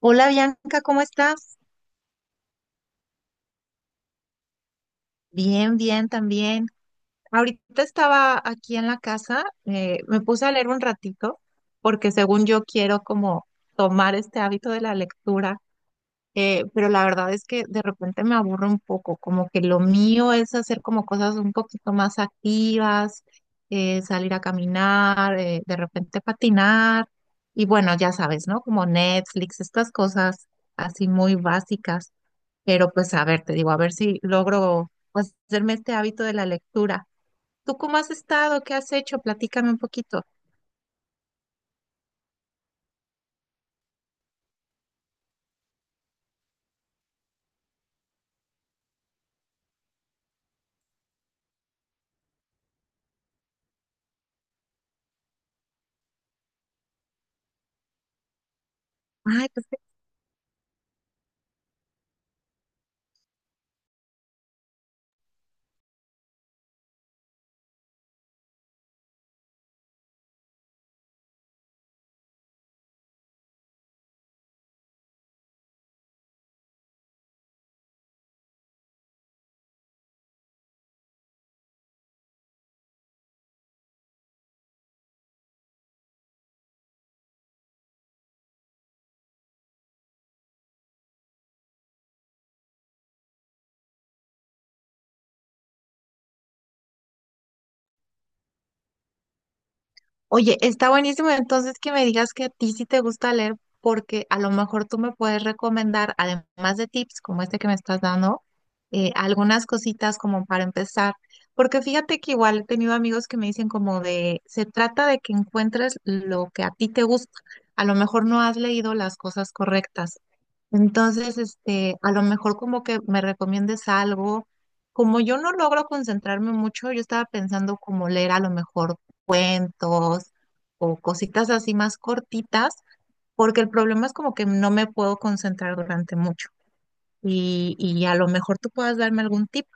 Hola, Bianca, ¿cómo estás? Bien, bien, también. Ahorita estaba aquí en la casa, me puse a leer un ratito porque según yo quiero como tomar este hábito de la lectura. Pero la verdad es que de repente me aburro un poco, como que lo mío es hacer como cosas un poquito más activas, salir a caminar, de repente patinar y bueno, ya sabes, ¿no? Como Netflix, estas cosas así muy básicas, pero pues a ver, te digo, a ver si logro pues hacerme este hábito de la lectura. ¿Tú cómo has estado? ¿Qué has hecho? Platícame un poquito. Ay, pues oye, está buenísimo entonces que me digas que a ti sí te gusta leer, porque a lo mejor tú me puedes recomendar, además de tips como este que me estás dando, algunas cositas como para empezar. Porque fíjate que igual he tenido amigos que me dicen como de, se trata de que encuentres lo que a ti te gusta. A lo mejor no has leído las cosas correctas. Entonces, este, a lo mejor como que me recomiendes algo. Como yo no logro concentrarme mucho, yo estaba pensando como leer a lo mejor cuentos o cositas así más cortitas, porque el problema es como que no me puedo concentrar durante mucho. Y a lo mejor tú puedas darme algún tip.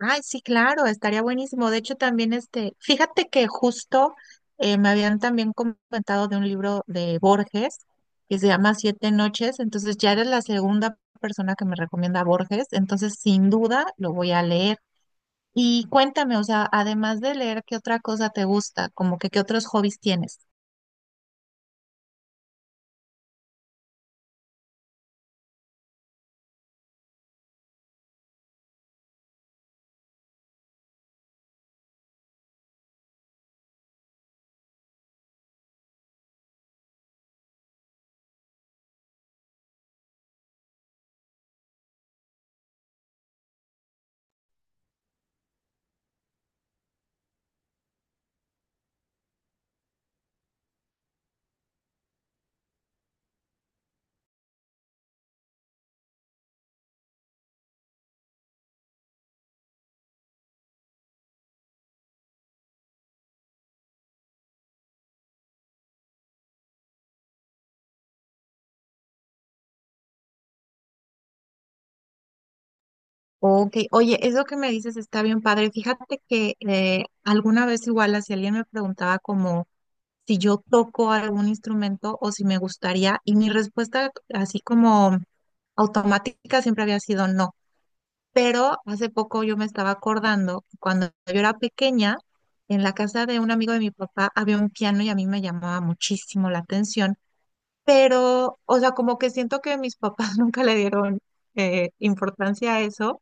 Ay, sí, claro, estaría buenísimo. De hecho, también este, fíjate que justo me habían también comentado de un libro de Borges que se llama Siete Noches, entonces ya eres la segunda persona que me recomienda Borges, entonces sin duda lo voy a leer. Y cuéntame, o sea, además de leer, ¿qué otra cosa te gusta? Como que qué otros hobbies tienes. Ok, oye, eso que me dices está bien padre. Fíjate que alguna vez igual, si alguien me preguntaba como si yo toco algún instrumento o si me gustaría. Y mi respuesta así como automática siempre había sido no. Pero hace poco yo me estaba acordando, que cuando yo era pequeña, en la casa de un amigo de mi papá había un piano y a mí me llamaba muchísimo la atención, pero, o sea, como que siento que mis papás nunca le dieron importancia a eso,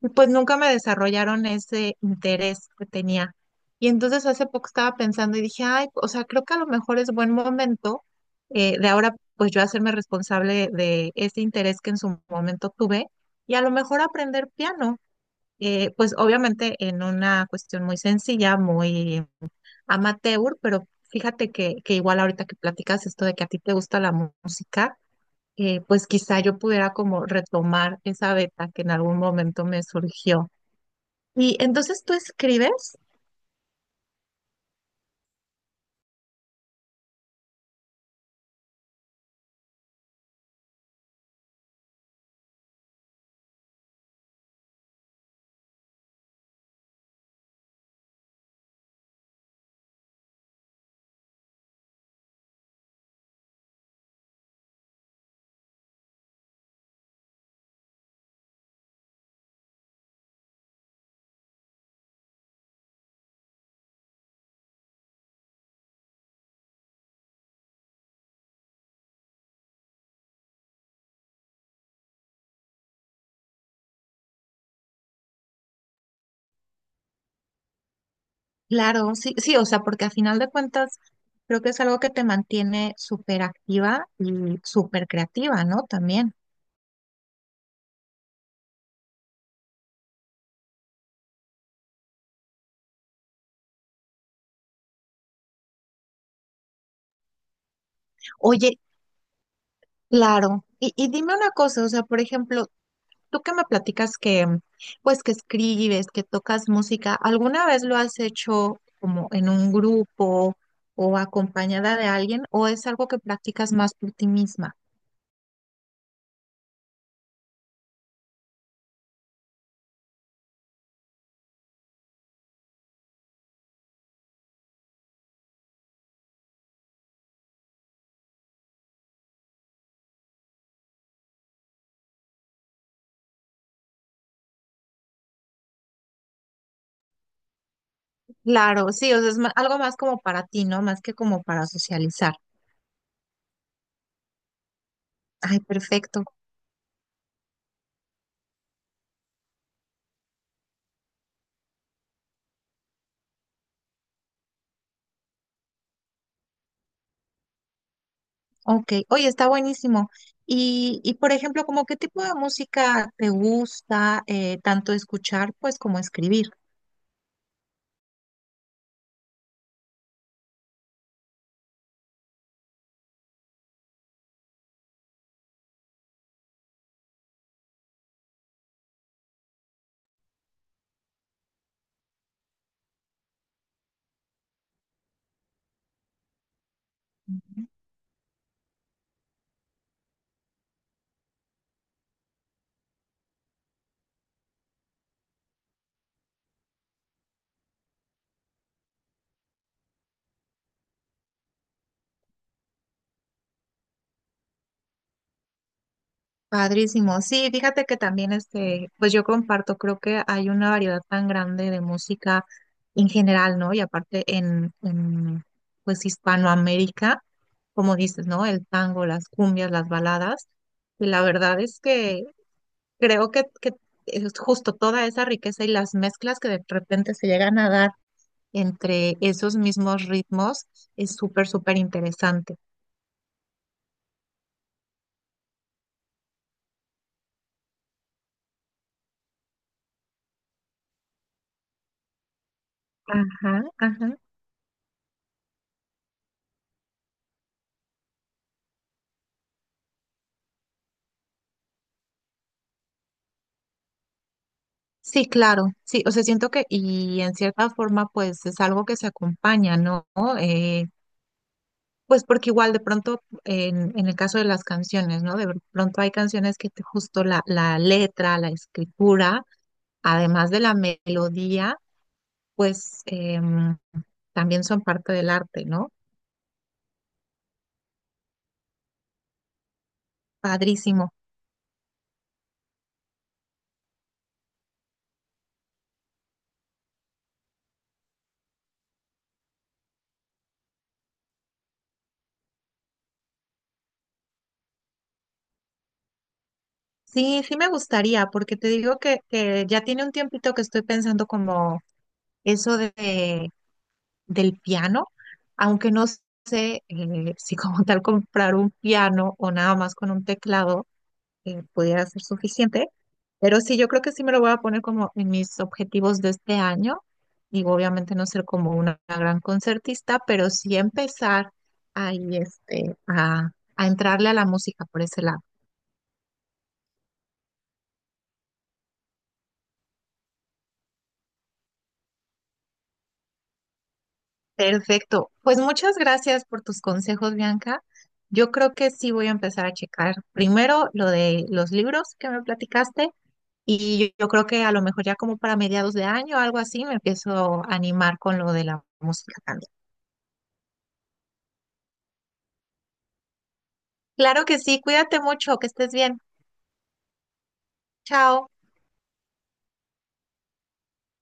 y pues nunca me desarrollaron ese interés que tenía. Y entonces hace poco estaba pensando y dije, ay, o sea, creo que a lo mejor es buen momento, de ahora, pues yo hacerme responsable de ese interés que en su momento tuve y a lo mejor aprender piano, pues obviamente en una cuestión muy sencilla, muy amateur, pero fíjate que igual ahorita que platicas esto de que a ti te gusta la música, pues quizá yo pudiera como retomar esa beta que en algún momento me surgió. Y entonces tú escribes, claro, sí, sí, o sea, porque a final de cuentas creo que es algo que te mantiene súper activa y súper creativa, ¿no? También. Oye, claro. Y dime una cosa, o sea, por ejemplo, tú que me platicas que, pues, que escribes, que tocas música, ¿alguna vez lo has hecho como en un grupo o acompañada de alguien o es algo que practicas más por ti misma? Claro, sí, o sea, es algo más como para ti, ¿no? Más que como para socializar. Ay, perfecto. Ok. Oye, está buenísimo. Y por ejemplo, ¿como qué tipo de música te gusta tanto escuchar, pues, como escribir? Padrísimo. Sí, fíjate que también este, pues yo comparto, creo que hay una variedad tan grande de música en general, ¿no? Y aparte en pues Hispanoamérica, como dices, ¿no? El tango, las cumbias, las baladas. Y la verdad es que creo que es justo toda esa riqueza y las mezclas que de repente se llegan a dar entre esos mismos ritmos es súper, súper interesante. Ajá, ajá. Sí, claro, sí, o sea, siento que, y en cierta forma, pues es algo que se acompaña, ¿no? Eh, pues porque igual de pronto, en el caso de las canciones, ¿no? De pronto hay canciones que justo la, la letra, la escritura, además de la melodía, pues también son parte del arte, ¿no? Padrísimo. Sí, sí me gustaría, porque te digo que ya tiene un tiempito que estoy pensando como eso de, del piano, aunque no, si como tal comprar un piano o nada más con un teclado pudiera ser suficiente, pero sí, yo creo que sí me lo voy a poner como en mis objetivos de este año. Digo, obviamente no ser como una gran concertista, pero sí empezar ahí este, a entrarle a la música por ese lado. Perfecto. Pues muchas gracias por tus consejos, Bianca. Yo creo que sí voy a empezar a checar primero lo de los libros que me platicaste. Y yo creo que a lo mejor ya como para mediados de año o algo así me empiezo a animar con lo de la música también. Claro que sí, cuídate mucho, que estés bien. Chao.